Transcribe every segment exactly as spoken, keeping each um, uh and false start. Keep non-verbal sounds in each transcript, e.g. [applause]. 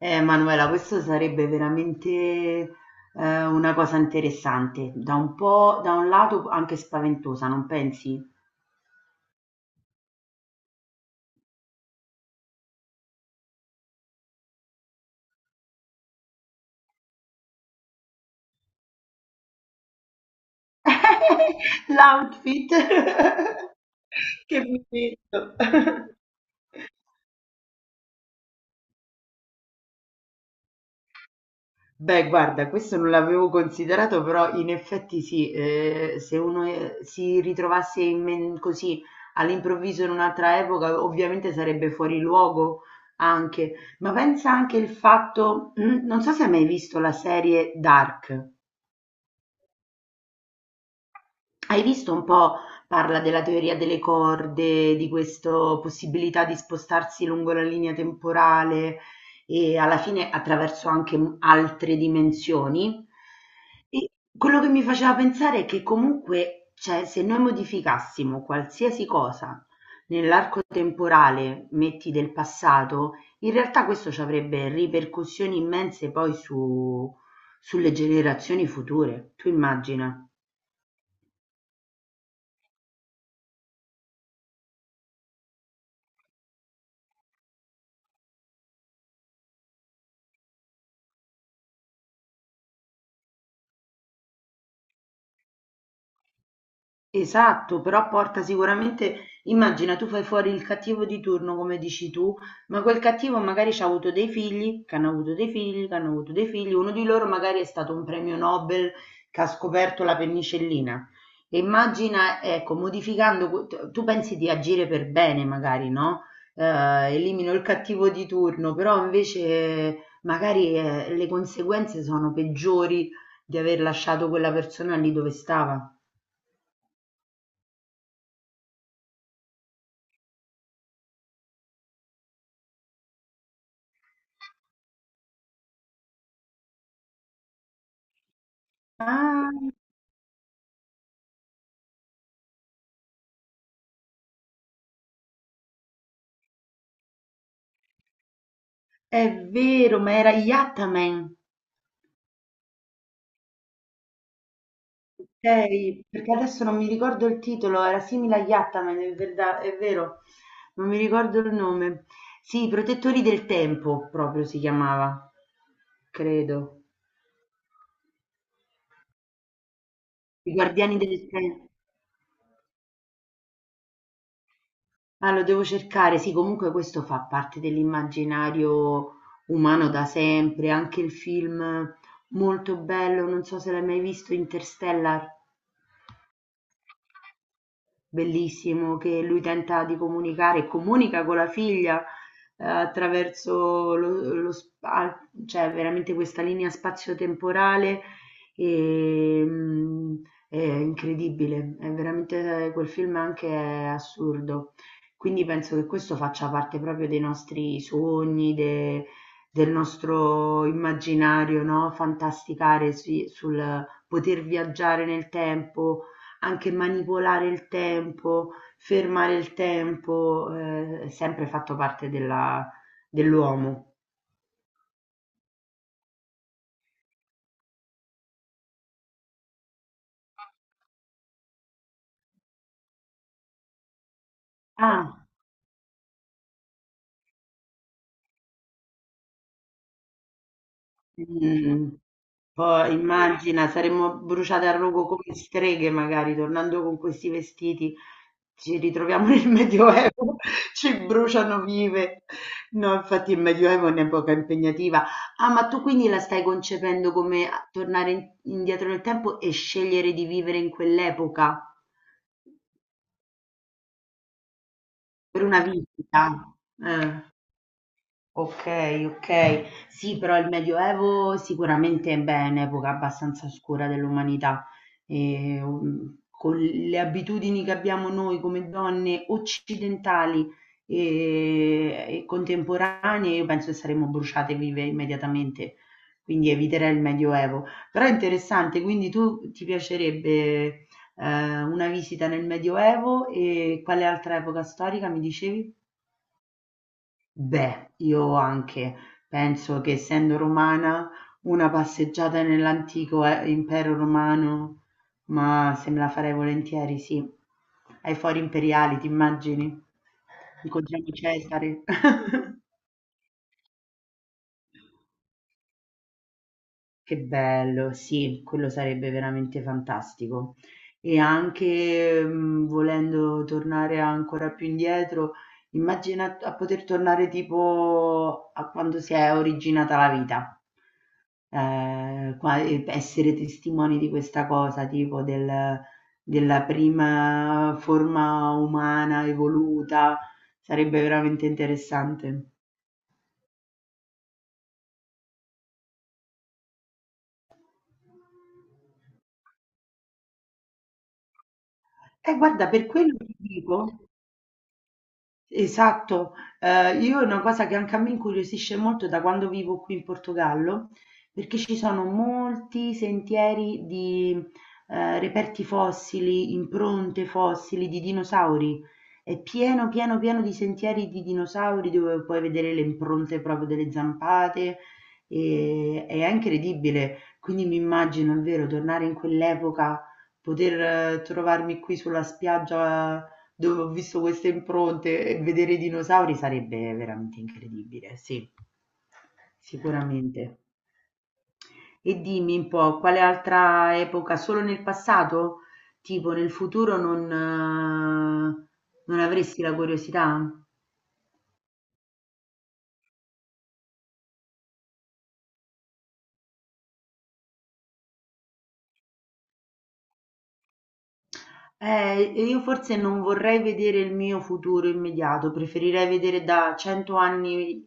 Eh, Manuela, questo sarebbe veramente eh, una cosa interessante, da un po', da un lato anche spaventosa, non pensi? [laughs] L'outfit [laughs] che mi metto. [laughs] Beh, guarda, questo non l'avevo considerato, però in effetti sì, eh, se uno eh, si ritrovasse in men- così all'improvviso in un'altra epoca, ovviamente sarebbe fuori luogo anche. Ma pensa anche il fatto, [clears throat] non so se hai mai visto la serie Dark. Hai visto un po', parla della teoria delle corde, di questa possibilità di spostarsi lungo la linea temporale e alla fine attraverso anche m- altre dimensioni. E quello che mi faceva pensare è che comunque, cioè, se noi modificassimo qualsiasi cosa nell'arco temporale, metti del passato, in realtà questo ci avrebbe ripercussioni immense poi su- sulle generazioni future. Tu immagina. Esatto, però porta sicuramente, immagina tu fai fuori il cattivo di turno come dici tu, ma quel cattivo magari ci ha avuto dei figli, che hanno avuto dei figli, che hanno avuto dei figli, uno di loro magari è stato un premio Nobel che ha scoperto la penicillina. E immagina, ecco, modificando, que- tu tu pensi di agire per bene magari, no? Eh, elimino il cattivo di turno, però invece eh, magari eh, le conseguenze sono peggiori di aver lasciato quella persona lì dove stava. Ah, è vero, ma era Yattaman, okay, perché adesso non mi ricordo il titolo, era simile a Yattaman, è verda- è vero, non mi ricordo il nome. Sì, i protettori del tempo proprio si chiamava, credo. I guardiani del tempo. Ah, lo devo cercare. Sì, comunque questo fa parte dell'immaginario umano da sempre, anche il film molto bello, non so se l'hai mai visto, Interstellar. Bellissimo che lui tenta di comunicare e comunica con la figlia eh, attraverso lo, lo spa- cioè veramente questa linea spazio-temporale e, mm, è incredibile, è veramente quel film anche è assurdo. Quindi penso che questo faccia parte proprio dei nostri sogni, de- del nostro immaginario, no? Fantasticare sui- sul poter viaggiare nel tempo anche manipolare il tempo, fermare il tempo, ehm, è sempre fatto parte della dell'uomo. Ah. Mh. Poi immagina saremmo bruciate al rogo come streghe magari, tornando con questi vestiti, ci ritroviamo nel [laughs] Medioevo, ci bruciano vive. No, infatti il Medioevo è un'epoca impegnativa. Ah, ma tu quindi la stai concependo come a tornare in indietro nel tempo e scegliere di vivere in quell'epoca? Per una visita. Eh, okay, okay. Sì, però il Medioevo sicuramente, beh, è un'epoca abbastanza oscura dell'umanità e, uhm, con le abitudini che abbiamo noi come donne occidentali, ehm, e contemporanee, io penso che saremmo bruciate vive immediatamente, quindi eviterei il Medioevo. Però è interessante, quindi tu ti piacerebbe, ehm, una visita nel Medioevo e quale altra epoca storica mi dicevi? Beh, io anche penso che essendo romana una passeggiata nell'antico eh, impero romano, ma se me la farei volentieri, sì. Ai fori imperiali, ti immagini? Incontriamo Cesare. [laughs] Che bello, sì, quello sarebbe veramente fantastico. E anche mh, volendo tornare ancora più indietro, immagina a poter tornare tipo a quando si è originata la vita, Eh, qua- e essere testimoni di questa cosa, tipo del- della prima forma umana evoluta, sarebbe veramente interessante. E guarda, per quello ti dico. Esatto, ehm, io è una cosa che anche a me incuriosisce molto da quando vivo qui in Portogallo, perché ci sono molti sentieri di, ehm, reperti fossili, impronte fossili di dinosauri. È pieno, pieno, pieno di sentieri di dinosauri dove puoi vedere le impronte proprio delle zampate e, e è incredibile. Quindi mi immagino, è vero, tornare in quell'epoca, poter eh, trovarmi qui sulla spiaggia dove ho visto queste impronte e vedere i dinosauri sarebbe veramente incredibile, sì. Sicuramente. E dimmi un po', quale altra epoca? Solo nel passato? Tipo nel futuro non, eh, non avresti la curiosità? Eh, e io forse non vorrei vedere il mio futuro immediato, preferirei vedere da cento anni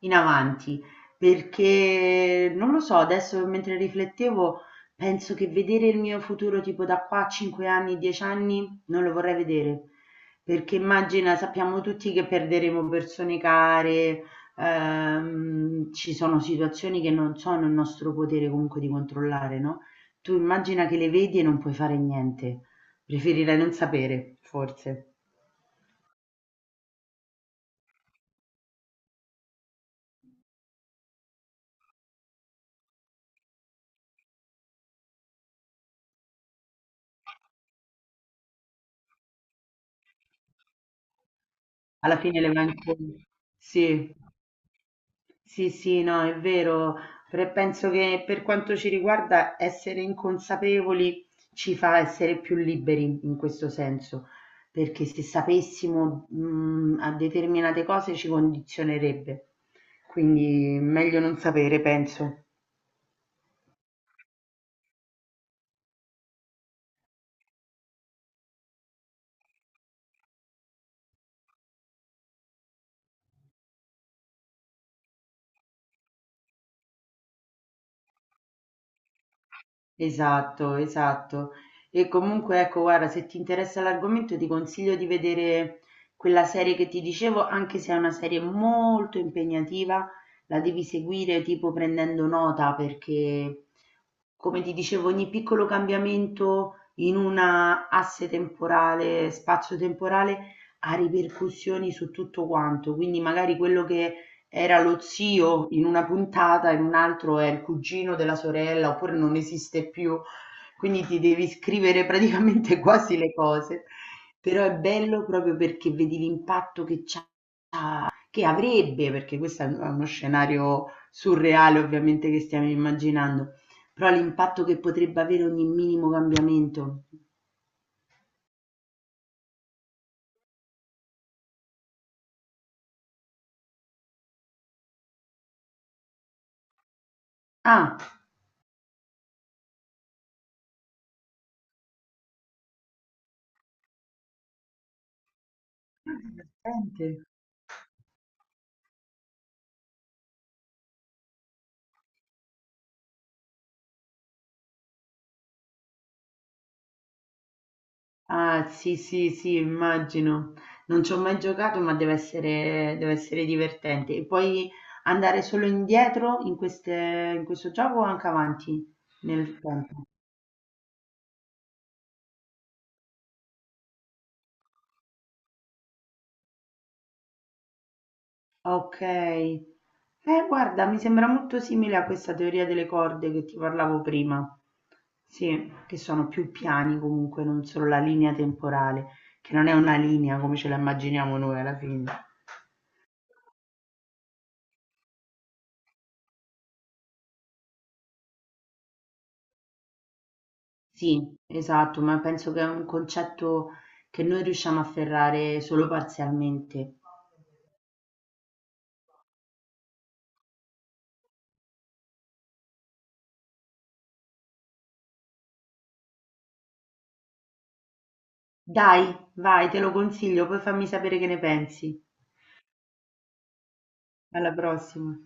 in avanti, perché non lo so, adesso mentre riflettevo penso che vedere il mio futuro tipo da qua a cinque anni, dieci anni, non lo vorrei vedere, perché immagina, sappiamo tutti che perderemo persone care, ehm, ci sono situazioni che non sono il nostro potere comunque di controllare, no? Tu immagina che le vedi e non puoi fare niente. Preferirei non sapere, forse. Alla fine le manco sì, sì, sì, no, è vero. Pre- penso che per quanto ci riguarda essere inconsapevoli ci fa essere più liberi in questo senso, perché se sapessimo, mh, a determinate cose ci condizionerebbe. Quindi meglio non sapere, penso. Esatto, esatto. E comunque ecco, guarda, se ti interessa l'argomento ti consiglio di vedere quella serie che ti dicevo, anche se è una serie molto impegnativa, la devi seguire tipo prendendo nota perché, come ti dicevo, ogni piccolo cambiamento in una asse temporale, spazio-temporale, ha ripercussioni su tutto quanto. Quindi magari quello che era lo zio in una puntata, in un altro è il cugino della sorella, oppure non esiste più, quindi ti devi scrivere praticamente [laughs] quasi le cose. Però è bello proprio perché vedi l'impatto che c'ha, che avrebbe, perché questo è uno scenario surreale ovviamente che stiamo immaginando, però l'impatto che potrebbe avere ogni minimo cambiamento. Ah, ah, è divertente. Ah, sì, sì, sì, immagino. Non ci ho mai giocato, ma deve essere, deve essere divertente. E puoi andare solo indietro in queste, in questo gioco o anche avanti nel tempo? Ok. Eh, guarda, mi sembra molto simile a questa teoria delle corde che ti parlavo prima. Sì, che sono più piani comunque, non solo la linea temporale, che non è una linea come ce la immaginiamo noi alla fine. Sì, esatto, ma penso che è un concetto che noi riusciamo a afferrare solo parzialmente. Dai, vai, te lo consiglio, poi fammi sapere che ne pensi. Alla prossima.